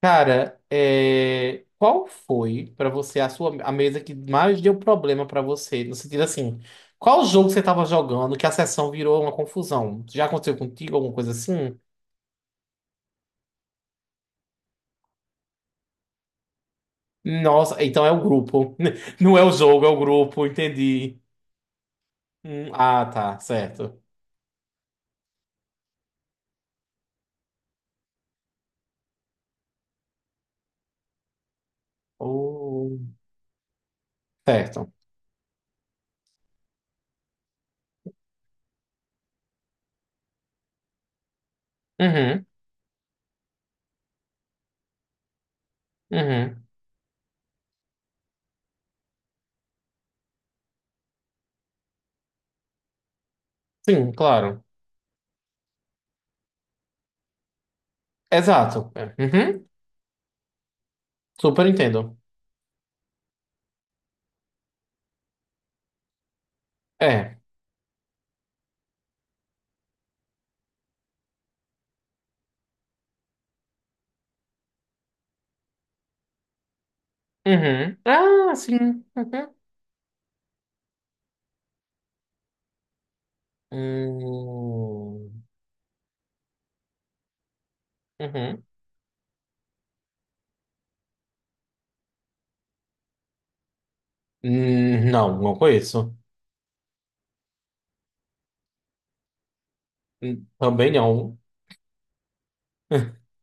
Cara, qual foi pra você a mesa que mais deu problema pra você? No sentido assim, qual jogo você tava jogando que a sessão virou uma confusão? Já aconteceu contigo alguma coisa assim? Nossa, então é o grupo. Não é o jogo, é o grupo, entendi. Tá, certo. Oh. Certo. Uhum, uhum. Sim, claro. Exato. Uhum. Super entendo. É. Uhum. Ah, sim. Uhum. Hum. Uhum. Não, não conheço. Também não.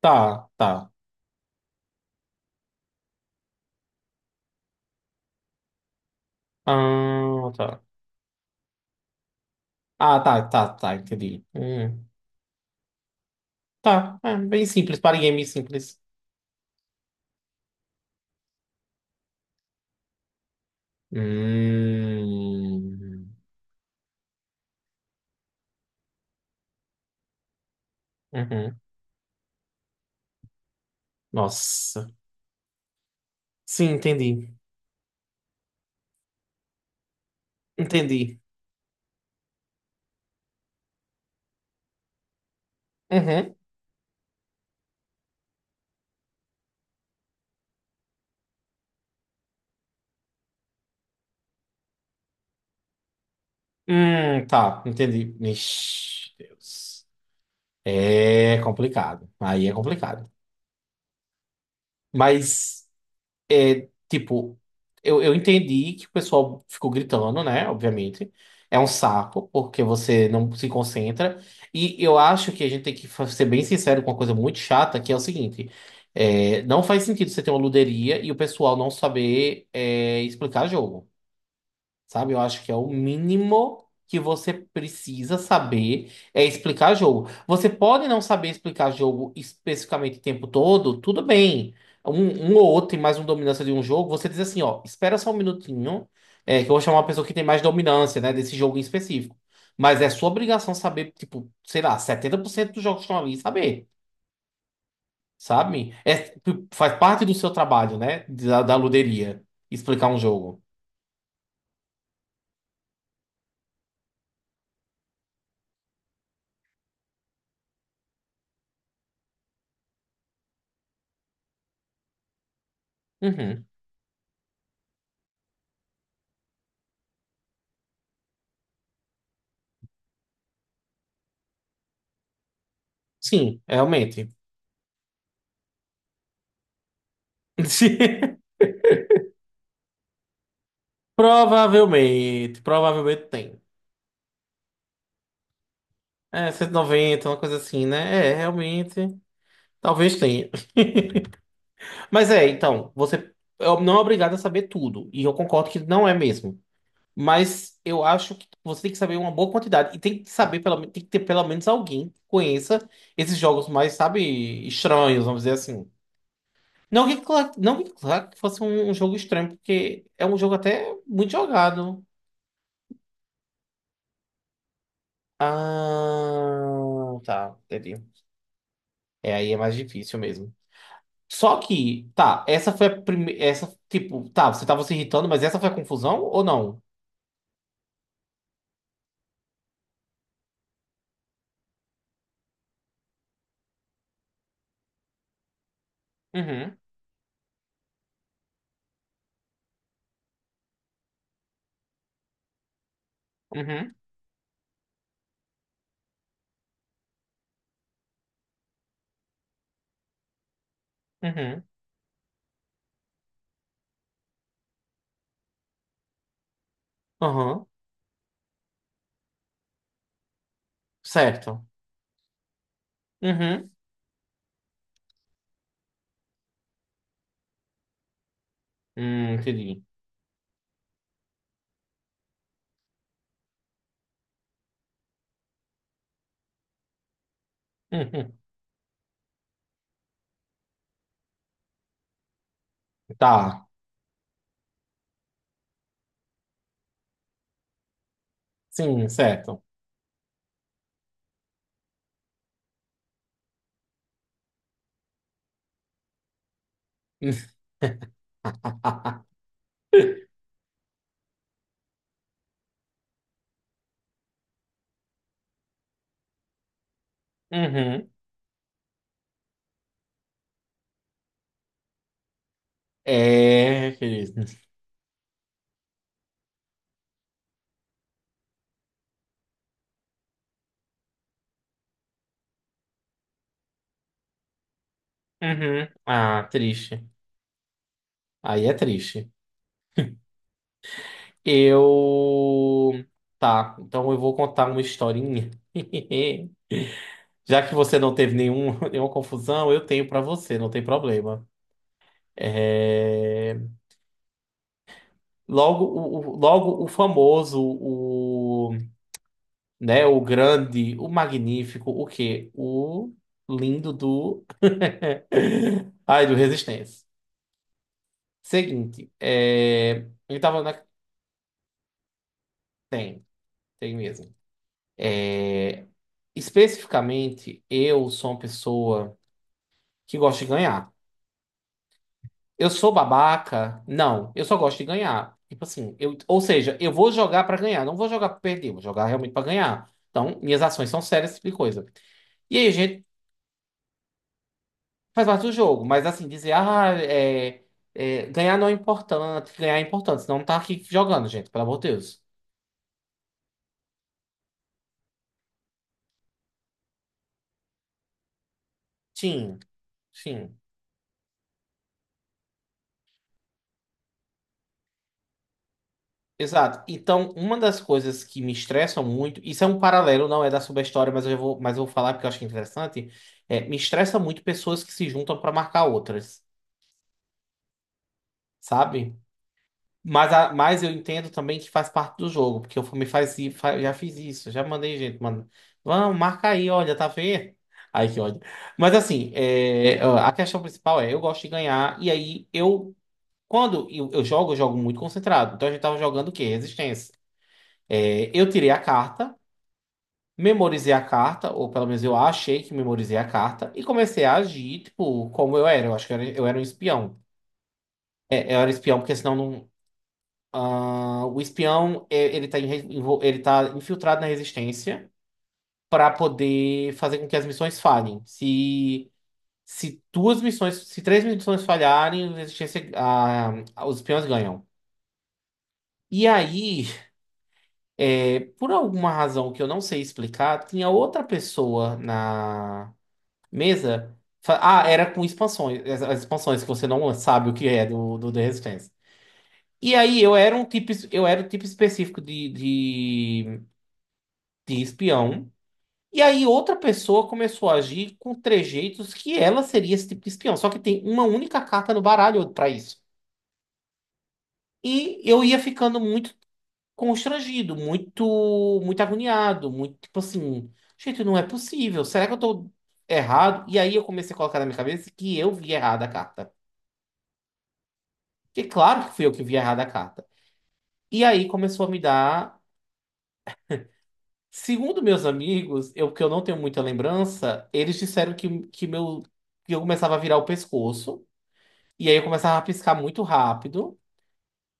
Tá, tá. Ah, tá. Ah, tá, tá, tá, entendi. Tá, é bem simples, para game simples. Hum, uhum. Nossa. Sim, entendi. Entendi. Uhum. Tá, entendi. Ixi, Deus. É complicado. Aí é complicado. Mas. é, tipo, eu entendi que o pessoal ficou gritando, né? Obviamente. É um saco, porque você não se concentra. E eu acho que a gente tem que ser bem sincero com uma coisa muito chata, que é o seguinte: não faz sentido você ter uma luderia e o pessoal não saber explicar jogo. Sabe? Eu acho que é o mínimo que você precisa saber é explicar jogo. Você pode não saber explicar jogo especificamente o tempo todo, tudo bem. Um ou outro tem mais uma dominância de um jogo, você diz assim, ó, espera só um minutinho, que eu vou chamar uma pessoa que tem mais dominância, né, desse jogo em específico. Mas é sua obrigação saber, tipo, sei lá, 70% dos jogos que estão ali, saber, sabe? É, tipo, faz parte do seu trabalho, né, da luderia, explicar um jogo. Uhum. Sim, realmente. Provavelmente, provavelmente tem. É, 190, uma coisa assim, né? É, realmente, talvez tenha. Mas é, então, você não é obrigado a saber tudo. E eu concordo que não é mesmo. Mas eu acho que você tem que saber uma boa quantidade. E tem que saber, tem que ter pelo menos alguém que conheça esses jogos mais, sabe, estranhos, vamos dizer assim. Não que, não que claro que fosse um jogo estranho, porque é um jogo até muito jogado. Ah, tá, entendi. É, aí é mais difícil mesmo. Só que, tá, essa foi a primeira. Essa, tipo, tá, você tava se irritando, mas essa foi a confusão ou não? Uhum, uhum, uhum, uhum, certo. Uhum, entendi. Uhum, tá, sim, certo. Uhum, é, querido. Uhum, ah, triste. Aí é triste. Eu. Tá, então eu vou contar uma historinha. Já que você não teve nenhum, nenhuma confusão, eu tenho pra você, não tem problema. É... Logo, logo o famoso, o, né, o grande, o magnífico, o quê? O lindo do. Ai, do Resistência. Seguinte, ele tava na. Tem, tem mesmo. É, especificamente, eu sou uma pessoa. Que gosta de ganhar. Eu sou babaca? Não, eu só gosto de ganhar. Tipo assim, ou seja, eu vou jogar pra ganhar, não vou jogar pra perder, vou jogar realmente pra ganhar. Então, minhas ações são sérias, esse tipo de coisa. E aí, a gente faz parte do jogo, mas assim, dizer, ganhar não é importante, ganhar é importante, senão não tá aqui jogando, gente, pelo amor de Deus. Sim, sim. Exato. Então, uma das coisas que me estressam muito, isso é um paralelo, não é da subestória, mas eu já vou, mas eu vou falar porque eu acho que é interessante, me estressa muito pessoas que se juntam para marcar outras, sabe? Mas, mas eu entendo também que faz parte do jogo, porque eu já fiz isso, já mandei gente, mano. Vamos, marca aí, olha, tá vendo? Ai, que ódio. Mas assim, é, ó, a questão principal é, eu gosto de ganhar, e aí eu, eu jogo muito concentrado. Então a gente tava jogando o quê? Resistência. É, eu tirei a carta. Memorizei a carta, ou pelo menos eu achei que memorizei a carta, e comecei a agir, tipo, como eu era. Eu acho que eu era um espião. É, eu era espião, porque senão não. Ah, o espião, é, ele tá, em re- envol- ele tá infiltrado na resistência para poder fazer com que as missões falhem. Se 2 missões, se 3 missões falharem, a resistência, ah, os espiões ganham. E aí, é, por alguma razão que eu não sei explicar, tinha outra pessoa na mesa? Ah, era com expansões. As expansões que você não sabe o que é do The Resistance. E aí eu era um tipo, eu era o tipo específico de espião. E aí outra pessoa começou a agir com trejeitos que ela seria esse tipo de espião. Só que tem uma única carta no baralho para isso. E eu ia ficando muito constrangido, muito agoniado, muito tipo assim, gente, não é possível. Será que eu tô errado? E aí eu comecei a colocar na minha cabeça que eu vi errada a carta. Que claro que fui eu que vi errado a carta. E aí começou a me dar. Segundo meus amigos, eu não tenho muita lembrança, eles disseram meu, que eu começava a virar o pescoço. E aí eu começava a piscar muito rápido.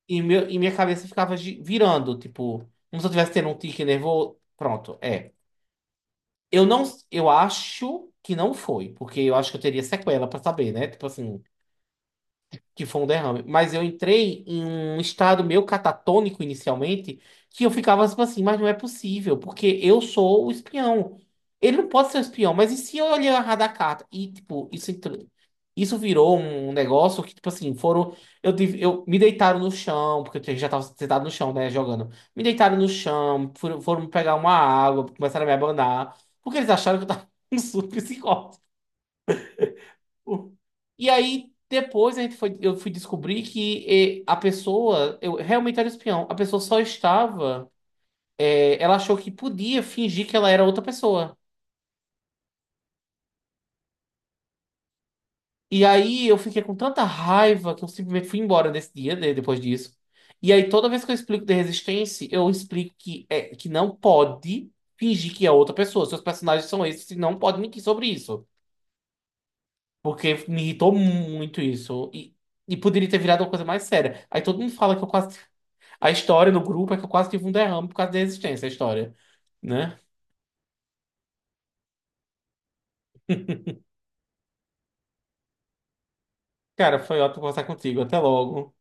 E, meu, e minha cabeça ficava virando, tipo, como se eu tivesse tendo um tique nervoso. Pronto, é. Eu não. Eu acho que não foi, porque eu acho que eu teria sequela pra saber, né? Tipo assim. Que foi um derrame. Mas eu entrei em um estado meio catatônico inicialmente, que eu ficava tipo assim, mas não é possível, porque eu sou o espião. Ele não pode ser o espião, mas e se eu olhar errado a carta? E, tipo, isso entrou. Isso virou um negócio que, tipo assim, foram. Eu me deitaram no chão, porque eu já tava sentado no chão, né, jogando. Me deitaram no chão, foram pegar uma água, começaram a me abanar, porque eles acharam que eu tava um surto psicótico. E aí, depois eu fui descobrir que a pessoa, eu realmente era espião. A pessoa só estava, ela achou que podia fingir que ela era outra pessoa. E aí eu fiquei com tanta raiva que eu simplesmente fui embora nesse dia, né, depois disso. E aí, toda vez que eu explico de resistência, eu explico que, é, que não pode fingir que é outra pessoa. Seus personagens são esses e não pode mentir sobre isso. Porque me irritou muito isso. E poderia ter virado uma coisa mais séria. Aí todo mundo fala que eu quase. A história do grupo é que eu quase tive um derrame por causa da existência, a história, né? Cara, foi ótimo conversar contigo. Até logo.